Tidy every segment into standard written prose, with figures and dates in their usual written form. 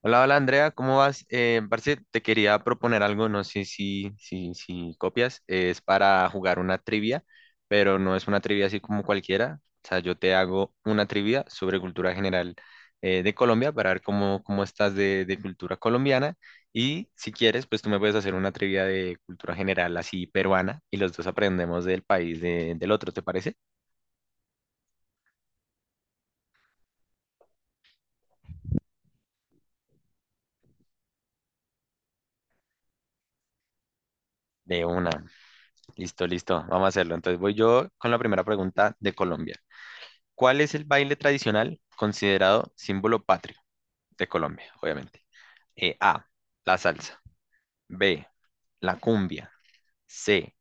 Hola, hola Andrea, ¿cómo vas? Parce, te quería proponer algo, no sé si copias, es para jugar una trivia, pero no es una trivia así como cualquiera, o sea, yo te hago una trivia sobre cultura general de Colombia para ver cómo estás de cultura colombiana y si quieres, pues tú me puedes hacer una trivia de cultura general así peruana y los dos aprendemos del país del otro, ¿te parece? De una, listo, listo, vamos a hacerlo. Entonces voy yo con la primera pregunta de Colombia. ¿Cuál es el baile tradicional considerado símbolo patrio de Colombia, obviamente? A, la salsa. B, la cumbia. C,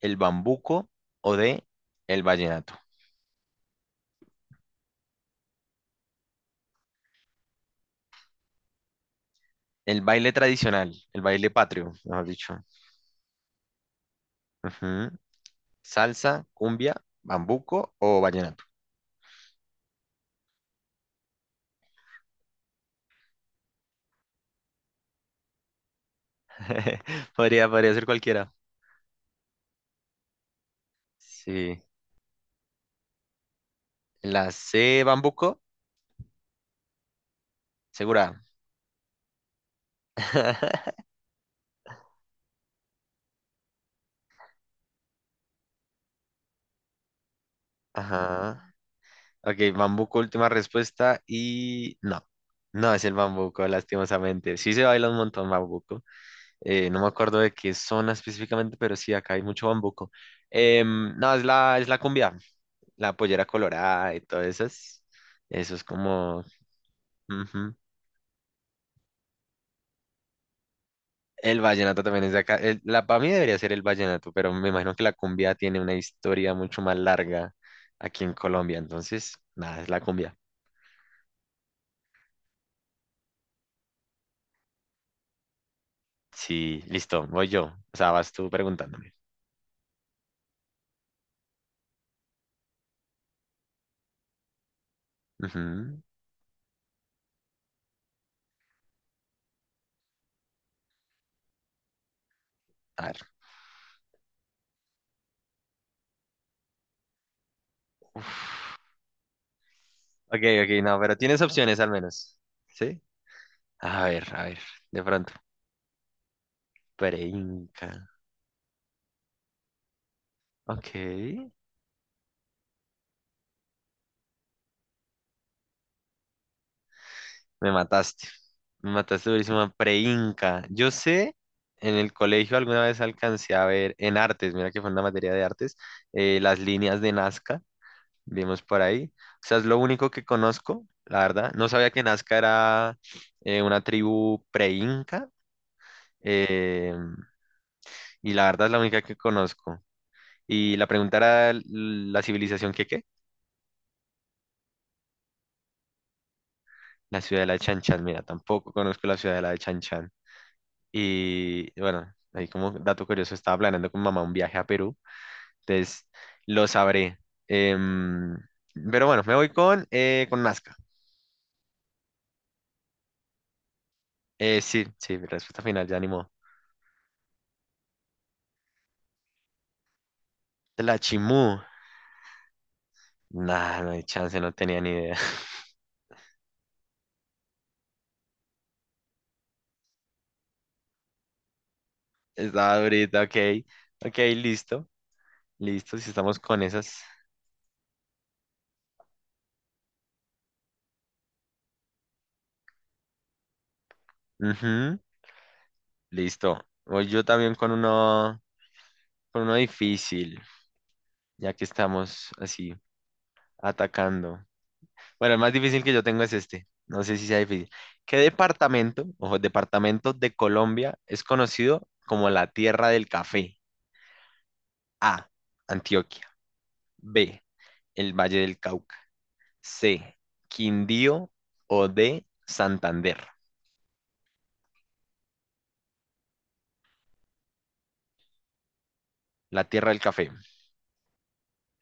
el bambuco. O D, el vallenato. El baile tradicional, el baile patrio, mejor dicho. Ujú. Salsa, cumbia, bambuco o vallenato. Podría ser cualquiera. Sí. La C, bambuco, segura. Ajá. Ok, bambuco, última respuesta y no. No es el bambuco, lastimosamente. Sí se baila un montón bambuco. No me acuerdo de qué zona específicamente, pero sí, acá hay mucho bambuco. No, es la cumbia, la pollera colorada y todas esas. Eso es como... Ujú. El vallenato también es de acá. La, para mí debería ser el vallenato, pero me imagino que la cumbia tiene una historia mucho más larga aquí en Colombia. Entonces, nada, es la cumbia. Sí, listo, voy yo. O sea, vas tú preguntándome. Ujú. A ver. Uf. Ok, ok, no, pero tienes opciones al menos. ¿Sí? A ver, de pronto. Preinca. Ok. Me mataste. Me mataste durísima. Preinca. Yo sé, en el colegio alguna vez alcancé a ver en artes, mira que fue una materia de artes, las líneas de Nazca, vimos por ahí. O sea, es lo único que conozco, la verdad. No sabía que Nazca era una tribu preinca. eh, y la verdad es la única que conozco. Y la pregunta era ¿la civilización que qué? La ciudad de la de Chan Chan. Mira, tampoco conozco la ciudad de la de Chan Chan. Y bueno, ahí como dato curioso, estaba planeando con mamá un viaje a Perú. Entonces, lo sabré. Em, pero bueno, me voy con Nazca. Sí, sí, mi respuesta final, ya animó. De la Chimú. Nah, no hay chance, no tenía ni idea. Estaba ahorita ok. Ok, listo. Listo, si estamos con esas. Ujú, listo. Voy yo también con uno. Por uno difícil, ya que estamos así atacando. Bueno, el más difícil que yo tengo es este. No sé si sea difícil. ¿Qué departamento, ojo, departamento de Colombia es conocido como la tierra del café? A. Antioquia. B. El Valle del Cauca. C. Quindío o D. Santander. La tierra del café.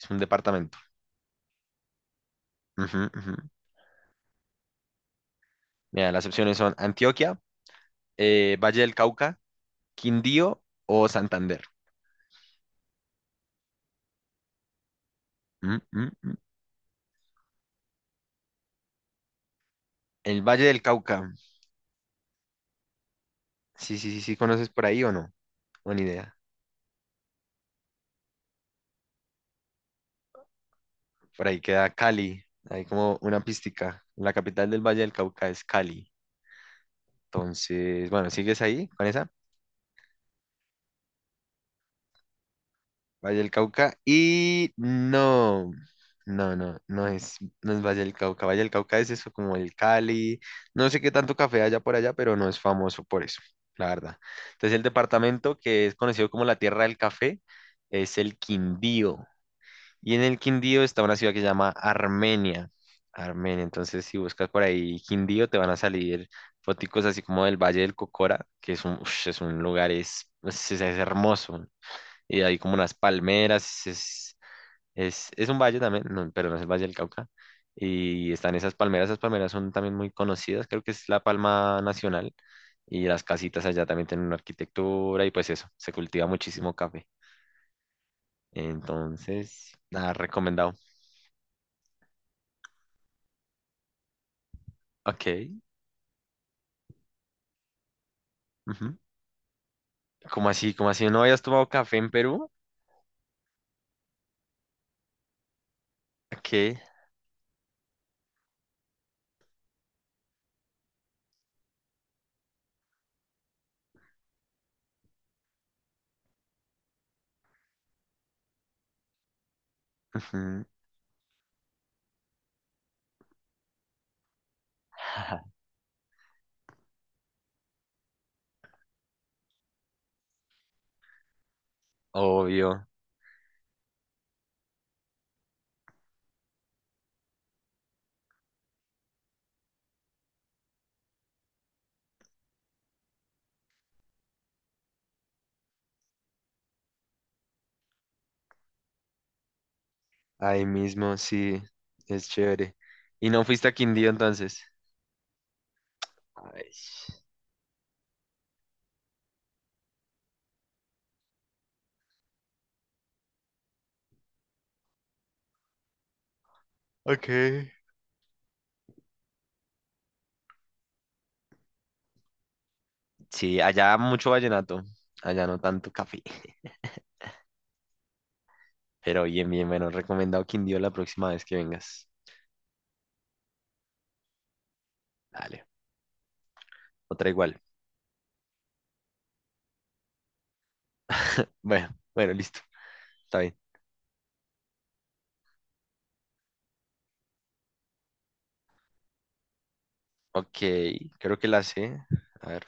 Es un departamento. Ujú, ujú. Mira, las opciones son Antioquia, Valle del Cauca, Quindío o Santander. Mm, mm, mm. El Valle del Cauca. Sí, sí, sí, sí, ¿conoces por ahí o no? Buena idea. Por ahí queda Cali. Hay como una pística. La capital del Valle del Cauca es Cali. Entonces, bueno, ¿sigues ahí con esa? Valle del Cauca. Y no, no, no, no es, no es Valle del Cauca. Valle del Cauca es eso, como el Cali. No sé qué tanto café haya por allá, pero no es famoso por eso, la verdad. Entonces, el departamento que es conocido como la Tierra del Café es el Quindío. Y en el Quindío está una ciudad que se llama Armenia. Armenia. Entonces, si buscas por ahí Quindío, te van a salir foticos así como del Valle del Cocora, que es un, ush, es un lugar, es hermoso. Y hay como unas palmeras, es un valle también, no, pero no es el Valle del Cauca. Y están esas palmeras son también muy conocidas, creo que es la palma nacional. Y las casitas allá también tienen una arquitectura y pues eso, se cultiva muchísimo café. Entonces, nada, recomendado. Ok. Ujú. ¿Cómo así? ¿Cómo así? ¿No habías tomado café en Perú? ¿Qué? Ujú. Obvio. Ahí mismo, sí. Es chévere. ¿Y no fuiste a Quindío entonces? Ay. Ok. Sí, allá mucho vallenato. Allá no tanto café. Pero bien, bien, bueno. Recomendado Quindío la próxima vez que vengas. Dale. Otra igual. Bueno, bueno, listo. Está bien. Ok. Creo que la sé. A ver.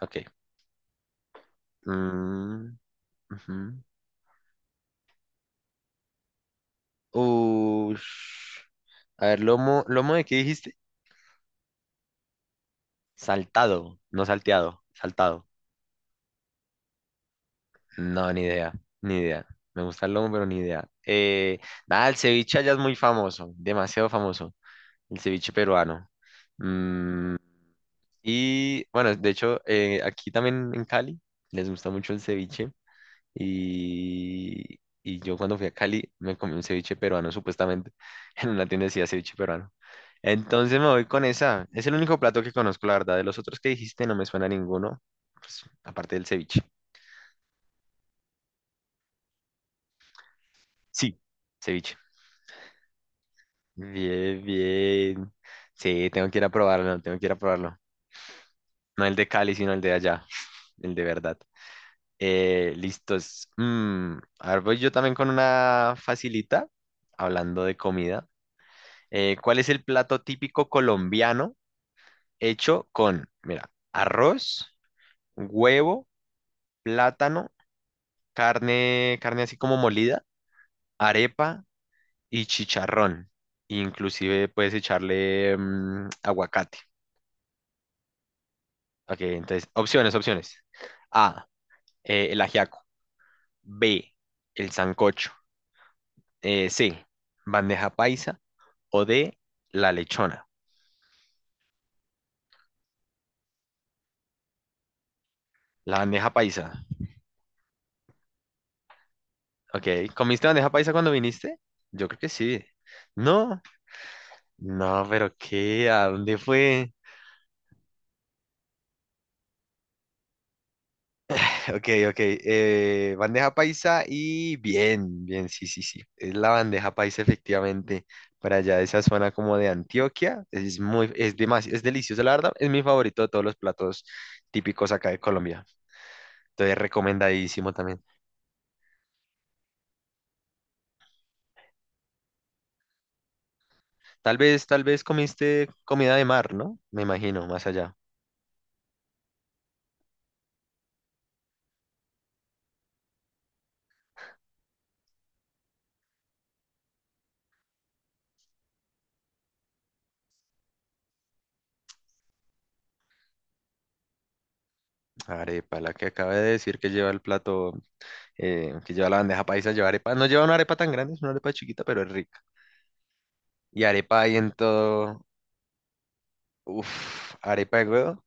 Ok. Mm, ujú. Ush. A ver, lomo, ¿lomo de qué dijiste? Saltado, no salteado, saltado. No, ni idea, ni idea. Me gusta el lomo, pero ni idea. Nada, el ceviche allá es muy famoso, demasiado famoso. El ceviche peruano. Mm, y bueno, de hecho, aquí también en Cali les gusta mucho el ceviche. Y yo cuando fui a Cali me comí un ceviche peruano, supuestamente. En una tienda decía ceviche peruano. Entonces me voy con esa. Es el único plato que conozco, la verdad. De los otros que dijiste no me suena ninguno, pues, aparte del ceviche. Sí. Ceviche. Bien, bien. Sí, tengo que ir a probarlo, tengo que ir a probarlo. No el de Cali, sino el de allá, el de verdad. Listos. A ver, voy yo también con una facilita, hablando de comida. ¿Cuál es el plato típico colombiano hecho con, mira, arroz, huevo, plátano, carne así como molida, arepa y chicharrón? Inclusive puedes echarle aguacate. Ok, entonces, opciones, opciones. A, el ajiaco. B, el sancocho. C, bandeja paisa. O D, la lechona. La bandeja paisa. Ok, ¿comiste bandeja paisa cuando viniste? Yo creo que sí. No, no, pero ¿qué? ¿A dónde fue? Ok, ok. Bandeja paisa y bien, bien, sí, sí, sí. Es la bandeja paisa efectivamente. Para allá de esa zona como de Antioquia. Es muy, es demasiado, es delicioso, la verdad. Es mi favorito de todos los platos típicos acá de Colombia. Entonces, recomendadísimo también. Tal vez comiste comida de mar, ¿no? Me imagino, más allá. Arepa, la que acaba de decir que lleva el plato, que lleva la bandeja paisa, lleva arepa. No lleva una arepa tan grande, es una arepa chiquita, pero es rica. Y arepa ahí en todo. Uf, arepa de huevo.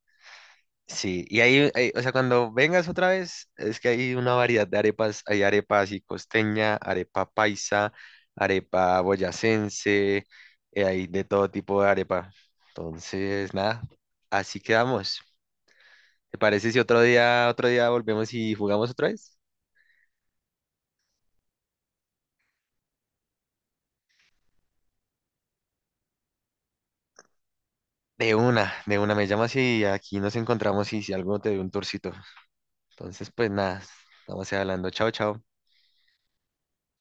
Sí, y ahí, ahí, o sea, cuando vengas otra vez, es que hay una variedad de arepas. Hay arepa así costeña, arepa paisa, arepa boyacense, hay de todo tipo de arepa. Entonces, nada, así quedamos. ¿Te parece si otro día, otro día volvemos y jugamos otra vez? De una, me llamas y aquí nos encontramos y si algo te doy un tourcito. Entonces, pues nada, estamos hablando. Chao, chao.